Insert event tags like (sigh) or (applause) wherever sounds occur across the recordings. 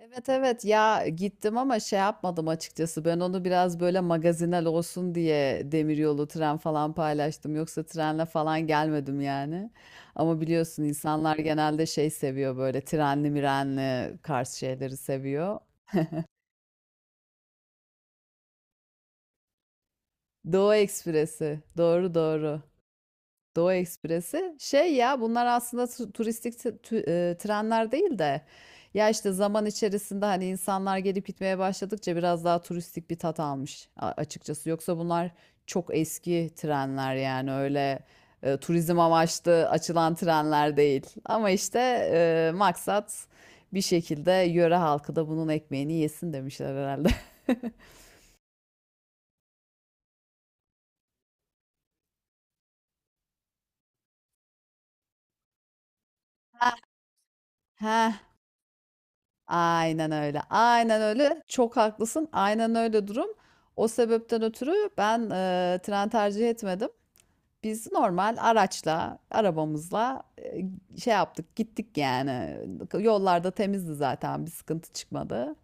Evet evet ya gittim ama şey yapmadım açıkçası. Ben onu biraz böyle magazinel olsun diye demiryolu tren falan paylaştım, yoksa trenle falan gelmedim yani. Ama biliyorsun insanlar genelde şey seviyor, böyle trenli mirenli Kars şeyleri seviyor. Doğu Ekspresi, doğru doğru. Doğu Ekspresi. Şey ya, bunlar aslında tu- turistik t- tü- e, trenler değil de ya işte zaman içerisinde hani insanlar gelip gitmeye başladıkça biraz daha turistik bir tat almış açıkçası. Yoksa bunlar çok eski trenler yani, öyle turizm amaçlı açılan trenler değil. Ama işte maksat bir şekilde yöre halkı da bunun ekmeğini yesin demişler herhalde. (laughs) Heh, aynen öyle. Aynen öyle. Çok haklısın. Aynen öyle durum. O sebepten ötürü ben tren tercih etmedim. Biz normal araçla, arabamızla, şey yaptık, gittik yani. Yollarda temizdi zaten, bir sıkıntı çıkmadı.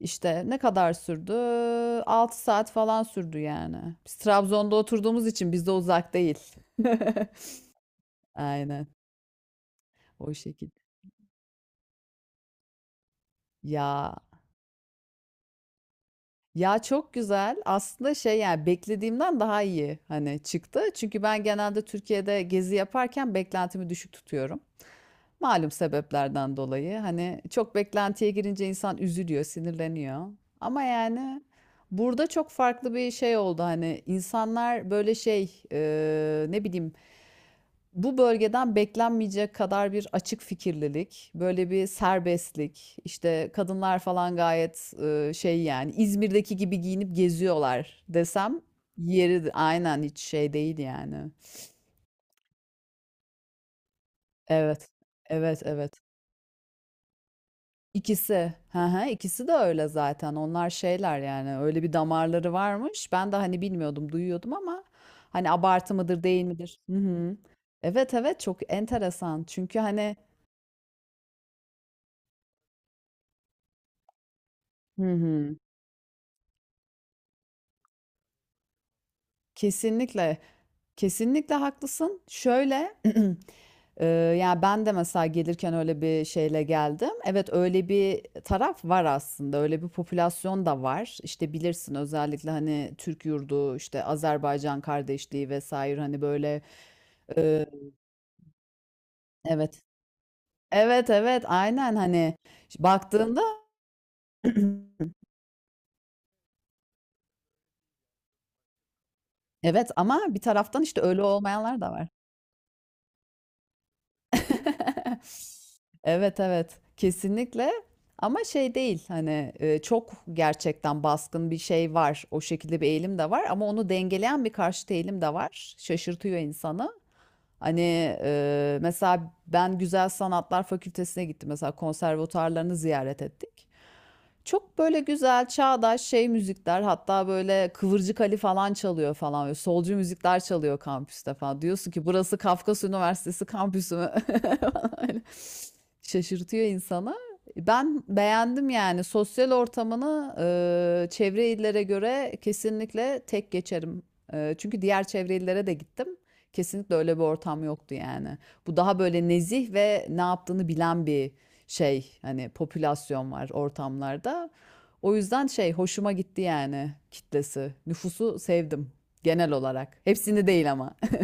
İşte ne kadar sürdü? 6 saat falan sürdü yani. Biz Trabzon'da oturduğumuz için bizde uzak değil. (laughs) Aynen. O şekilde. Ya Ya, çok güzel. Aslında şey yani beklediğimden daha iyi hani çıktı. Çünkü ben genelde Türkiye'de gezi yaparken beklentimi düşük tutuyorum. Malum sebeplerden dolayı. Hani çok beklentiye girince insan üzülüyor, sinirleniyor. Ama yani burada çok farklı bir şey oldu. Hani insanlar böyle şey, ne bileyim, bu bölgeden beklenmeyecek kadar bir açık fikirlilik, böyle bir serbestlik, işte kadınlar falan gayet şey yani İzmir'deki gibi giyinip geziyorlar desem yeri, aynen hiç şey değil yani. Evet, evet, evet. İkisi, hı hı, ikisi de öyle zaten. Onlar şeyler yani, öyle bir damarları varmış. Ben de hani bilmiyordum, duyuyordum ama hani abartı mıdır, değil midir? Hı hı. Evet, evet çok enteresan. Çünkü hani hı hı. Kesinlikle. Kesinlikle haklısın. Şöyle, (clears throat) eee, ya, ben de mesela gelirken öyle bir şeyle geldim. Evet, öyle bir taraf var aslında. Öyle bir popülasyon da var. İşte bilirsin, özellikle hani Türk yurdu, işte Azerbaycan kardeşliği vesaire hani böyle eee, evet. Evet, evet, aynen hani baktığında (clears throat) evet ama bir taraftan işte öyle olmayanlar da var. (laughs) Evet evet kesinlikle, ama şey değil hani, çok gerçekten baskın bir şey var, o şekilde bir eğilim de var ama onu dengeleyen bir karşıt eğilim de var, şaşırtıyor insanı. Hani mesela ben Güzel Sanatlar Fakültesine gittim, mesela konservatuarlarını ziyaret ettik, çok böyle güzel çağdaş şey müzikler, hatta böyle Kıvırcık Ali falan çalıyor falan, böyle solcu müzikler çalıyor kampüste falan. Diyorsun ki, burası Kafkas Üniversitesi kampüsü mü? (laughs) Falan öyle. Şaşırtıyor insanı. Ben beğendim yani sosyal ortamını, çevre illere göre kesinlikle tek geçerim. Çünkü diğer çevre illere de gittim. Kesinlikle öyle bir ortam yoktu yani. Bu daha böyle nezih ve ne yaptığını bilen bir şey hani, popülasyon var ortamlarda. O yüzden şey, hoşuma gitti yani kitlesi. Nüfusu sevdim genel olarak. Hepsini değil ama. (laughs)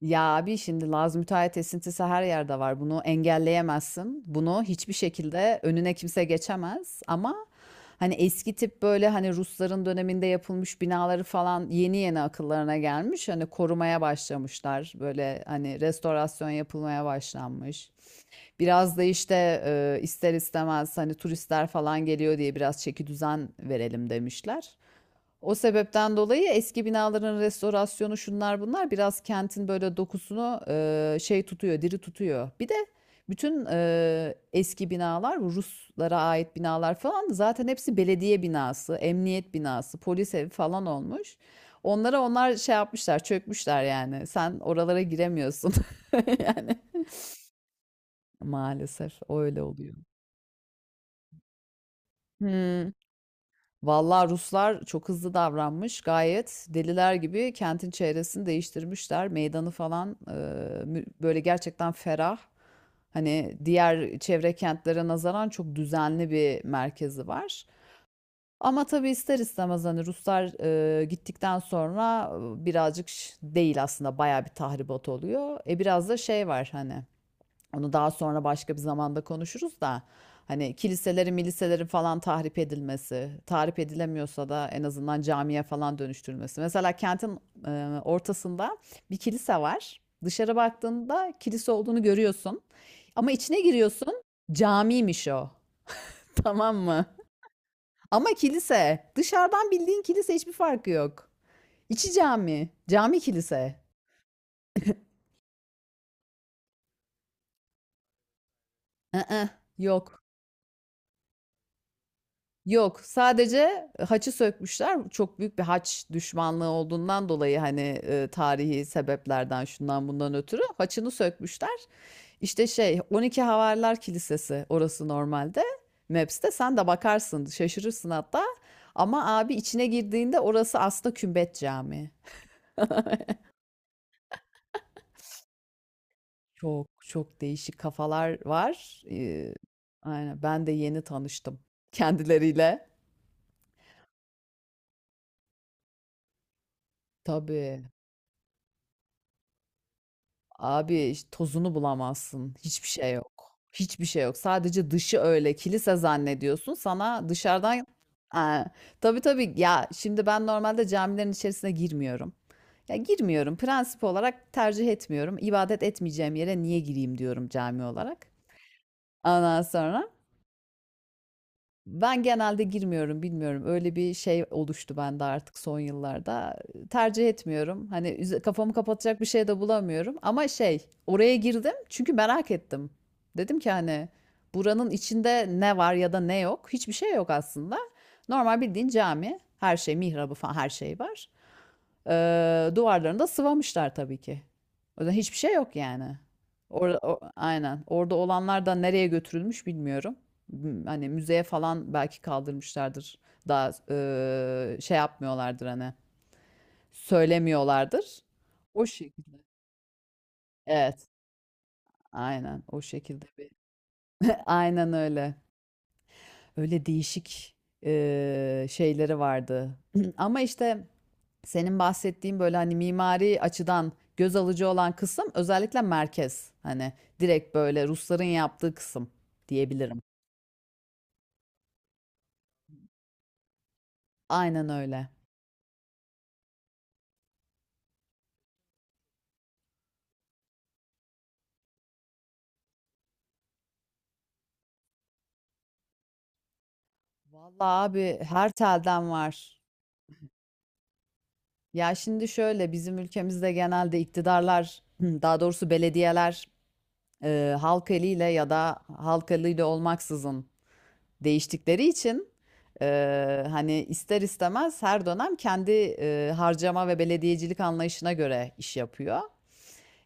Ya abi şimdi Laz müteahhit esintisi her yerde var. Bunu engelleyemezsin. Bunu hiçbir şekilde önüne kimse geçemez. Ama hani eski tip böyle hani Rusların döneminde yapılmış binaları falan yeni yeni akıllarına gelmiş. Hani korumaya başlamışlar. Böyle hani restorasyon yapılmaya başlanmış. Biraz da işte ister istemez hani turistler falan geliyor diye biraz çeki düzen verelim demişler. O sebepten dolayı eski binaların restorasyonu, şunlar bunlar biraz kentin böyle dokusunu şey tutuyor, diri tutuyor. Bir de bütün eski binalar, bu Ruslara ait binalar falan, zaten hepsi belediye binası, emniyet binası, polis evi falan olmuş. Onlara onlar şey yapmışlar, çökmüşler yani. Sen oralara giremiyorsun. (laughs) Yani maalesef öyle oluyor. Hmm. Vallahi Ruslar çok hızlı davranmış. Gayet deliler gibi kentin çevresini değiştirmişler. Meydanı falan böyle gerçekten ferah. Hani diğer çevre kentlere nazaran çok düzenli bir merkezi var. Ama tabii ister istemez hani Ruslar gittikten sonra birazcık değil, aslında bayağı bir tahribat oluyor. E biraz da şey var hani. Onu daha sonra başka bir zamanda konuşuruz da, hani kiliselerin, miliselerin falan tahrip edilmesi, tahrip edilemiyorsa da en azından camiye falan dönüştürülmesi. Mesela kentin ortasında bir kilise var. Dışarı baktığında kilise olduğunu görüyorsun. Ama içine giriyorsun, camiymiş o. (laughs) Tamam mı? Ama kilise. Dışarıdan bildiğin kilise, hiçbir farkı yok. İçi cami, cami kilise. Iı, yok. Yok, sadece haçı sökmüşler. Çok büyük bir haç düşmanlığı olduğundan dolayı hani tarihi sebeplerden şundan bundan ötürü haçını sökmüşler. İşte şey 12 Havariler Kilisesi orası normalde. Maps'te sen de bakarsın, şaşırırsın hatta. Ama abi içine girdiğinde orası aslında Kümbet Camii. Çok çok değişik kafalar var. Aynen ben de yeni tanıştım kendileriyle. Tabii. Abi tozunu bulamazsın. Hiçbir şey yok. Hiçbir şey yok. Sadece dışı, öyle kilise zannediyorsun. Sana dışarıdan Aa, tabii tabii ya, şimdi ben normalde camilerin içerisine girmiyorum. Ya girmiyorum. Prensip olarak tercih etmiyorum. İbadet etmeyeceğim yere niye gireyim diyorum cami olarak. Ondan sonra ben genelde girmiyorum, bilmiyorum. Öyle bir şey oluştu bende artık son yıllarda. Tercih etmiyorum. Hani kafamı kapatacak bir şey de bulamıyorum. Ama şey, oraya girdim çünkü merak ettim. Dedim ki hani, buranın içinde ne var ya da ne yok? Hiçbir şey yok aslında. Normal bildiğin cami. Her şey, mihrabı falan her şey var. Duvarlarını da sıvamışlar tabii ki. O yüzden hiçbir şey yok yani. Orada, aynen. Orada olanlar da nereye götürülmüş bilmiyorum. Hani müzeye falan belki kaldırmışlardır. Daha şey yapmıyorlardır hani. Söylemiyorlardır. O şekilde. Evet. Aynen. O şekilde bir. Aynen öyle. Öyle değişik şeyleri vardı. (clears throat) Ama işte senin bahsettiğin böyle hani mimari açıdan göz alıcı olan kısım özellikle merkez. Hani direkt böyle Rusların yaptığı kısım diyebilirim. Aynen öyle. Vallahi abi her telden var. Ya şimdi şöyle, bizim ülkemizde genelde iktidarlar, (clears throat) daha doğrusu belediyeler, halk eliyle ya da halk eliyle olmaksızın değiştikleri için, hani ister istemez her dönem kendi harcama ve belediyecilik anlayışına göre iş yapıyor.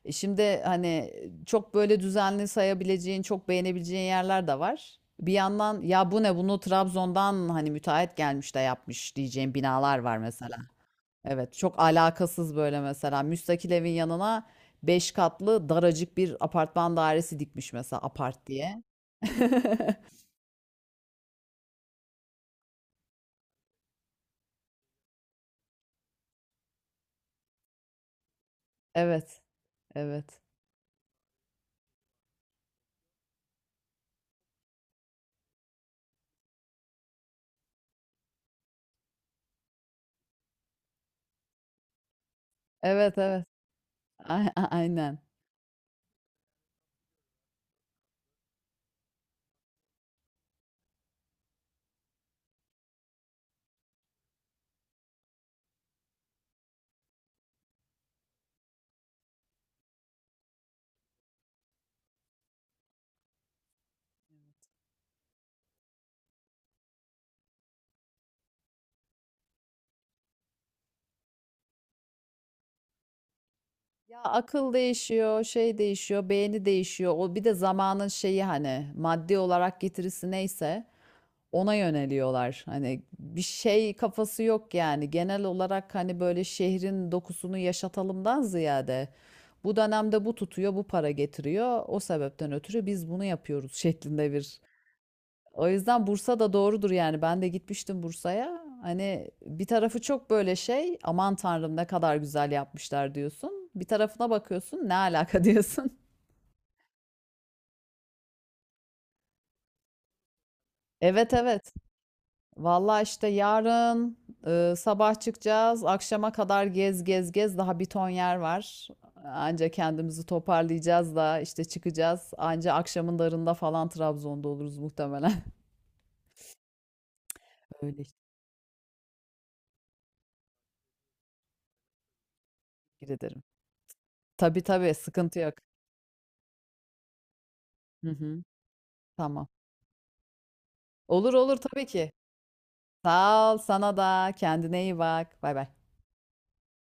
E şimdi hani çok böyle düzenli sayabileceğin, çok beğenebileceğin yerler de var. Bir yandan ya bu ne, bunu Trabzon'dan hani müteahhit gelmiş de yapmış diyeceğim binalar var mesela. Evet çok alakasız böyle, mesela müstakil evin yanına 5 katlı daracık bir apartman dairesi dikmiş mesela, apart diye. (laughs) Evet, evet. Evet, evet. Aynen. Ya akıl değişiyor, şey değişiyor, beğeni değişiyor. O bir de zamanın şeyi, hani maddi olarak getirisi neyse ona yöneliyorlar. Hani bir şey kafası yok yani. Genel olarak hani böyle şehrin dokusunu yaşatalımdan ziyade, bu dönemde bu tutuyor, bu para getiriyor. O sebepten ötürü biz bunu yapıyoruz şeklinde bir. O yüzden Bursa da doğrudur yani. Ben de gitmiştim Bursa'ya. Hani bir tarafı çok böyle şey, aman tanrım ne kadar güzel yapmışlar diyorsun. Bir tarafına bakıyorsun, ne alaka diyorsun. (laughs) Evet evet. Vallahi işte yarın sabah çıkacağız. Akşama kadar gez gez gez. Daha bir ton yer var. Anca kendimizi toparlayacağız da işte çıkacağız. Anca akşamın darında falan Trabzon'da oluruz muhtemelen. (laughs) Öyle işte. Teşekkür ederim. Tabii tabii, sıkıntı yok. Hı hı. Tamam. Olur olur tabii ki. Sağ ol, sana da. Kendine iyi bak. Bay bay.